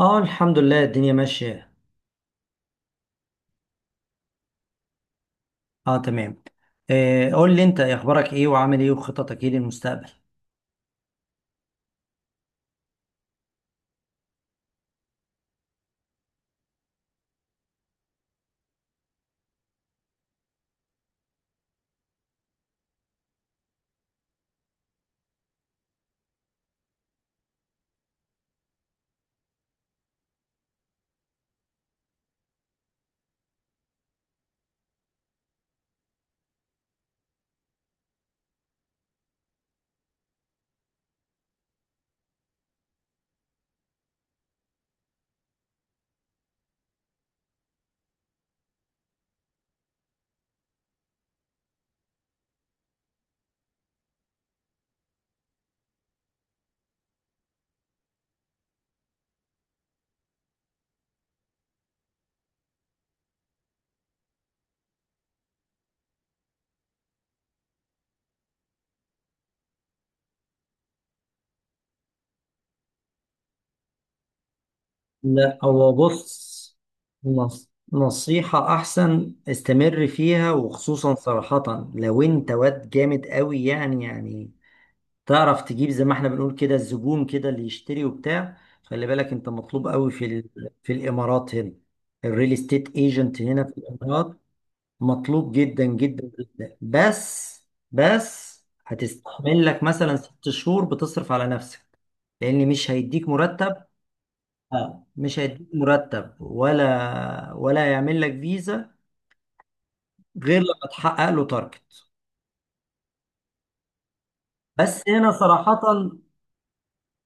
اه، الحمد لله الدنيا ماشية. اه تمام. آه، قول لي انت إيه اخبارك، ايه وعامل ايه، وخططك ايه للمستقبل؟ لا، هو بص، نصيحة، احسن استمر فيها، وخصوصا صراحة لو انت واد جامد قوي، يعني تعرف تجيب زي ما احنا بنقول كده الزبون كده اللي يشتري وبتاع. خلي بالك انت مطلوب قوي في الامارات هنا. الريل استيت ايجنت هنا في الامارات مطلوب جدا جدا جدا. بس هتستحمل لك مثلا 6 شهور بتصرف على نفسك، لان مش هيديك مرتب. مش هيديك مرتب ولا يعمل لك فيزا غير لما تحقق له تارجت. بس هنا صراحة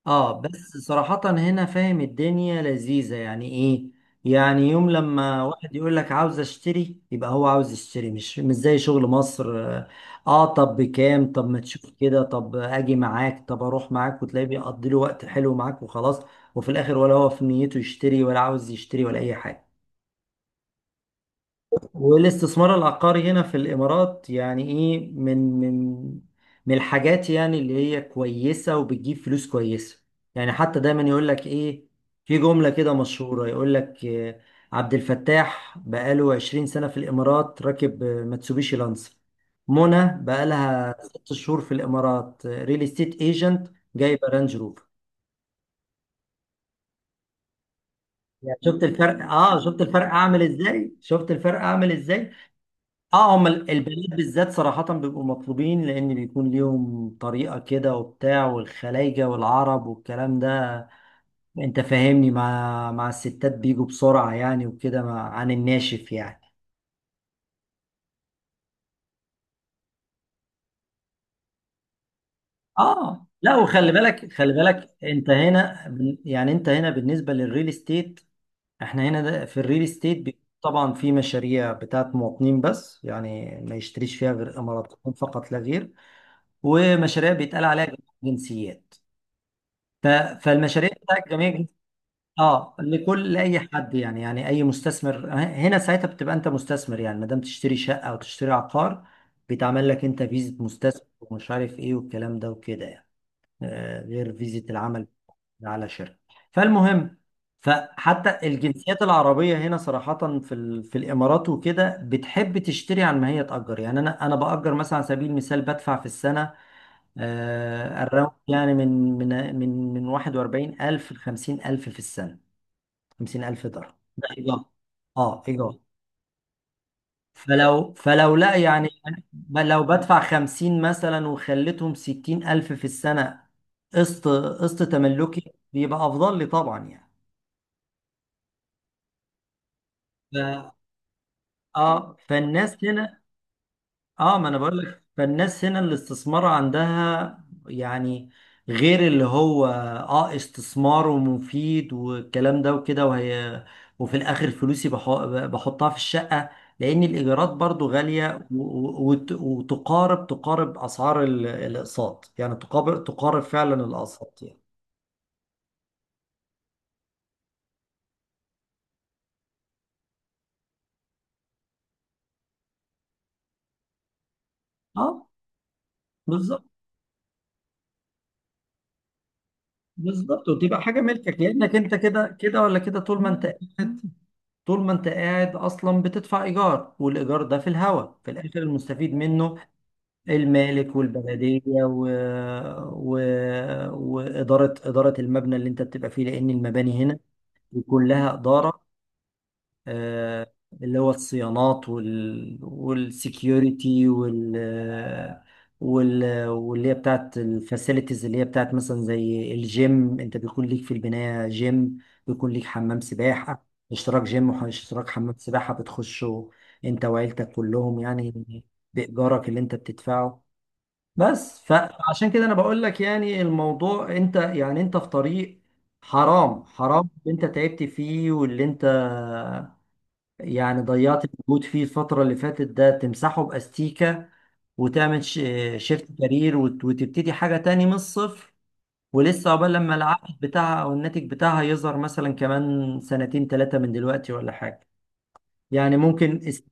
اه بس صراحة هنا فاهم، الدنيا لذيذة يعني ايه. يعني يوم لما واحد يقول لك عاوز اشتري يبقى هو عاوز يشتري، مش زي شغل مصر. اه. طب بكام، طب ما تشوف كده، طب اجي معاك، طب اروح معاك، وتلاقيه بيقضي له وقت حلو معاك وخلاص. وفي الاخر، ولا هو في نيته يشتري، ولا عاوز يشتري، ولا اي حاجة. والاستثمار العقاري هنا في الإمارات يعني إيه، من الحاجات يعني اللي هي كويسة وبتجيب فلوس كويسة. يعني حتى دايما يقول لك إيه، في جملة كده مشهورة يقول لك: عبد الفتاح بقاله 20 سنة في الإمارات راكب ماتسوبيشي لانسر، منى بقالها 6 شهور في الإمارات ريل استيت ايجنت جايبة رانج روفر. يعني شفت الفرق، اه شفت الفرق اعمل ازاي، شفت الفرق اعمل ازاي. اه، هم البنات بالذات صراحة بيبقوا مطلوبين، لأن بيكون ليهم طريقة كده وبتاع، والخلايجة والعرب والكلام ده. أنت فاهمني، مع الستات بيجوا بسرعة يعني وكده، عن الناشف يعني. اه، لا، وخلي بالك خلي بالك، أنت هنا يعني أنت هنا بالنسبة للريل استيت. احنا هنا ده في الريل استيت، طبعا في مشاريع بتاعت مواطنين، بس يعني ما يشتريش فيها غير إماراتيين فقط لا غير. ومشاريع بيتقال عليها جنسيات، ف- فالمشاريع بتاعت جميع. اه، لكل، لاي حد يعني، يعني اي مستثمر، هنا ساعتها بتبقى انت مستثمر، يعني ما دام تشتري شقه او تشتري عقار، بيتعمل لك انت فيزا مستثمر، ومش عارف ايه والكلام ده وكده يعني. غير فيزا العمل على شركه. فالمهم، فحتى الجنسيات العربيه هنا صراحه في الامارات وكده بتحب تشتري عن ما هي تاجر. يعني انا، باجر مثلا على سبيل المثال بدفع في السنه الراوند يعني من 41,000 ل 50,000 في السنة. 50,000 درهم ده إيجار، اه إيجار. فلو لا يعني، ما لو بدفع 50 مثلا وخليتهم 60,000 في السنة، قسط تملكي بيبقى أفضل لي طبعا يعني. ف- اه فالناس هنا اه ما انا بقول لك، فالناس هنا الاستثمار عندها يعني غير، اللي هو اه استثمار ومفيد والكلام ده وكده. وهي، وفي الاخر فلوسي بحطها في الشقة، لان الايجارات برضو غالية. وتقارب اسعار الاقساط يعني، تقارب فعلا الاقساط يعني. اه، بالظبط بالظبط، وتبقى حاجة ملكك، لانك انت كده كده ولا كده، طول ما انت قاعد اصلا بتدفع ايجار، والايجار ده في الهوا، في الاخر المستفيد منه المالك والبلديه، و... واداره المبنى اللي انت بتبقى فيه، لان المباني هنا كلها اداره. آه، اللي هو الصيانات، والسكيورتي، واللي هي بتاعت الفاسيلتيز، اللي هي بتاعت مثلا زي الجيم، انت بيكون ليك في البناية جيم، بيكون ليك حمام سباحة، اشتراك جيم واشتراك حمام سباحة بتخشه انت وعيلتك كلهم يعني، بإيجارك اللي انت بتدفعه. بس فعشان كده انا بقول لك، يعني الموضوع انت، يعني انت في طريق، حرام اللي انت تعبت فيه، واللي انت يعني ضيعت المجهود فيه الفترة اللي فاتت، ده تمسحه بأستيكة وتعمل شيفت كارير، وتبتدي حاجة تاني من الصفر، ولسه عقبال لما العائد بتاعها أو الناتج بتاعها يظهر مثلا كمان سنتين ثلاثة من دلوقتي، ولا حاجة يعني. ممكن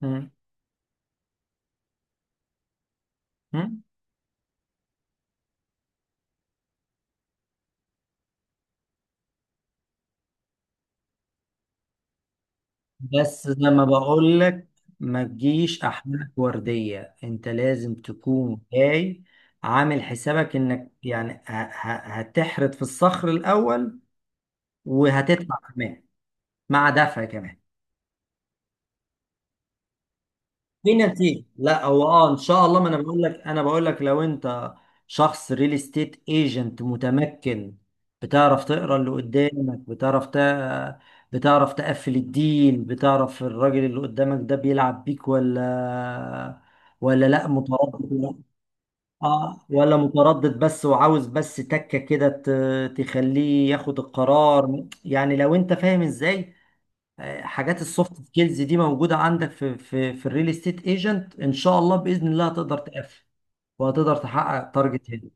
مم. مم. بس زي ما بقول لك، ما تجيش أحمالك وردية، أنت لازم تكون جاي عامل حسابك إنك يعني هتحرد في الصخر الأول، وهتدفع كمان، مع دفع كمان، في نتيجة. لا، هو اه ان شاء الله، ما انا بقول لك، لو انت شخص ريل استيت ايجنت متمكن، بتعرف تقرا اللي قدامك، بتعرف تقفل الديل، بتعرف الراجل اللي قدامك ده بيلعب بيك ولا لا متردد، ولا، اه، ولا متردد بس، وعاوز بس تكة كده تخليه ياخد القرار، يعني لو انت فاهم ازاي. حاجات السوفت سكيلز دي موجوده عندك في الريل استيت ايجنت، ان شاء الله باذن الله هتقدر تقفل، وهتقدر تحقق تارجت هنا.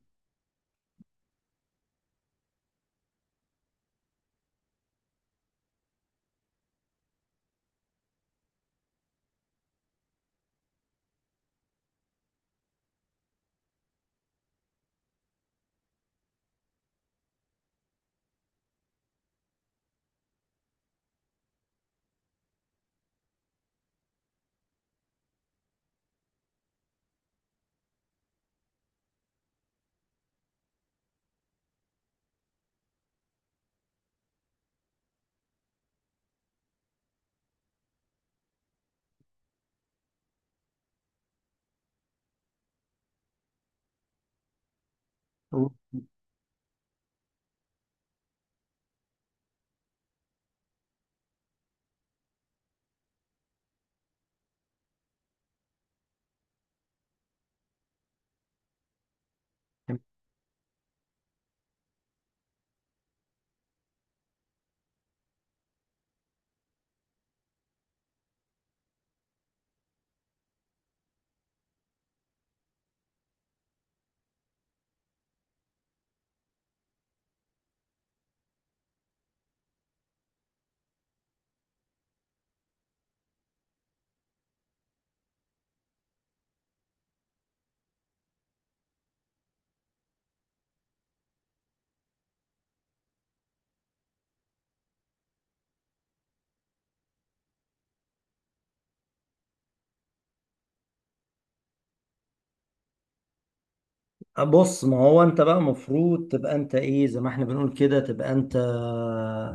بص، ما هو انت بقى مفروض تبقى انت ايه، زي ما احنا بنقول كده، تبقى انت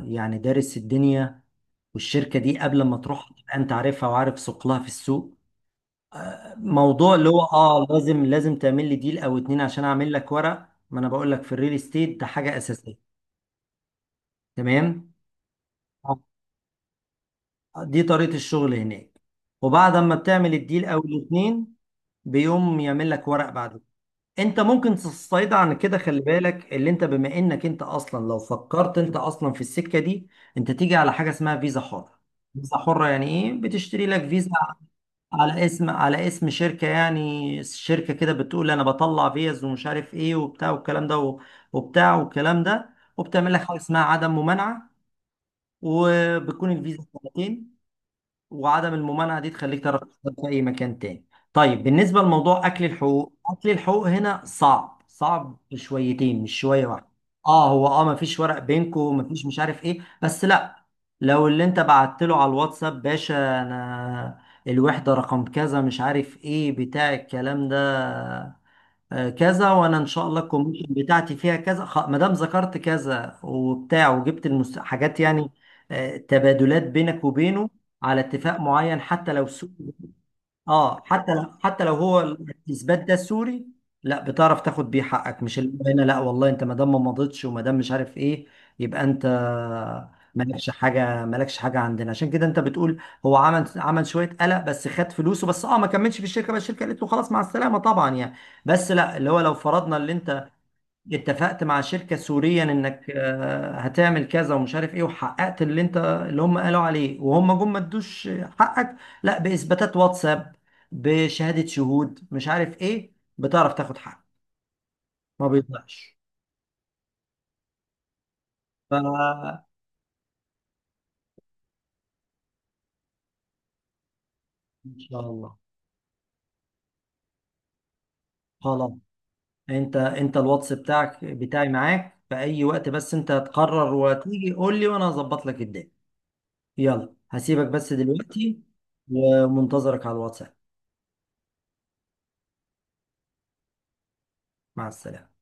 يعني دارس الدنيا والشركة دي قبل ما تروح، تبقى انت عارفها وعارف ثقلها في السوق. موضوع اللي هو اه، لازم تعمل لي ديل او اتنين عشان اعمل لك ورق، ما انا بقول لك، في الريل استيت ده حاجة اساسية. تمام، دي طريقة الشغل هناك. وبعد ما بتعمل الديل او الاتنين، بيقوم يعمل لك ورق بعده. انت ممكن تستعيد عن كده، خلي بالك اللي انت، بما انك انت اصلا لو فكرت انت اصلا في السكة دي، انت تيجي على حاجة اسمها فيزا حرة. فيزا حرة يعني ايه، بتشتري لك فيزا على اسم شركة، يعني شركة كده بتقول انا بطلع فيز ومش عارف ايه وبتاع والكلام ده، وبتاع والكلام ده وبتعمل لك حاجة اسمها عدم ممانعة. وبتكون الفيزا سنتين، وعدم الممانعة دي تخليك تعرف تشتغل في أي مكان تاني. طيب بالنسبة لموضوع أكل الحقوق، أكل الحقوق هنا صعب صعب شويتين، مش شوية واحدة. اه، هو اه، مفيش ورق بينكو، مفيش، مش عارف ايه، بس لا. لو اللي انت بعت له على الواتساب: باشا، انا الوحدة رقم كذا، مش عارف ايه بتاع الكلام ده، كذا، وانا ان شاء الله الكوميشن بتاعتي فيها كذا، ما دام ذكرت كذا وبتاع وجبت حاجات يعني، تبادلات بينك وبينه على اتفاق معين، حتى لو سوء، اه، حتى لو هو الاثبات ده السوري، لا بتعرف تاخد بيه حقك. مش اللي هو هنا لا والله، انت ما دام ما مضيتش وما دام مش عارف ايه، يبقى انت مالكش حاجه عندنا. عشان كده انت بتقول هو عمل شويه قلق، بس خد فلوسه، بس اه ما كملش في الشركه، بس الشركه قالت له خلاص مع السلامه طبعا يعني. بس لا، اللي هو لو فرضنا اللي انت اتفقت مع شركة سوريا انك هتعمل كذا ومش عارف ايه، وحققت اللي انت اللي هم قالوا عليه، وهم جم ما ادوش حقك، لا بإثباتات واتساب، بشهادة شهود مش عارف ايه، بتعرف تاخد حقك، ما بيضيعش. ف ان شاء الله. خلاص، انت الواتس بتاعك بتاعي معاك في اي وقت، بس انت هتقرر وتيجي قول لي وانا هظبط لك الدنيا. يلا هسيبك بس دلوقتي، ومنتظرك على الواتساب. مع السلامة.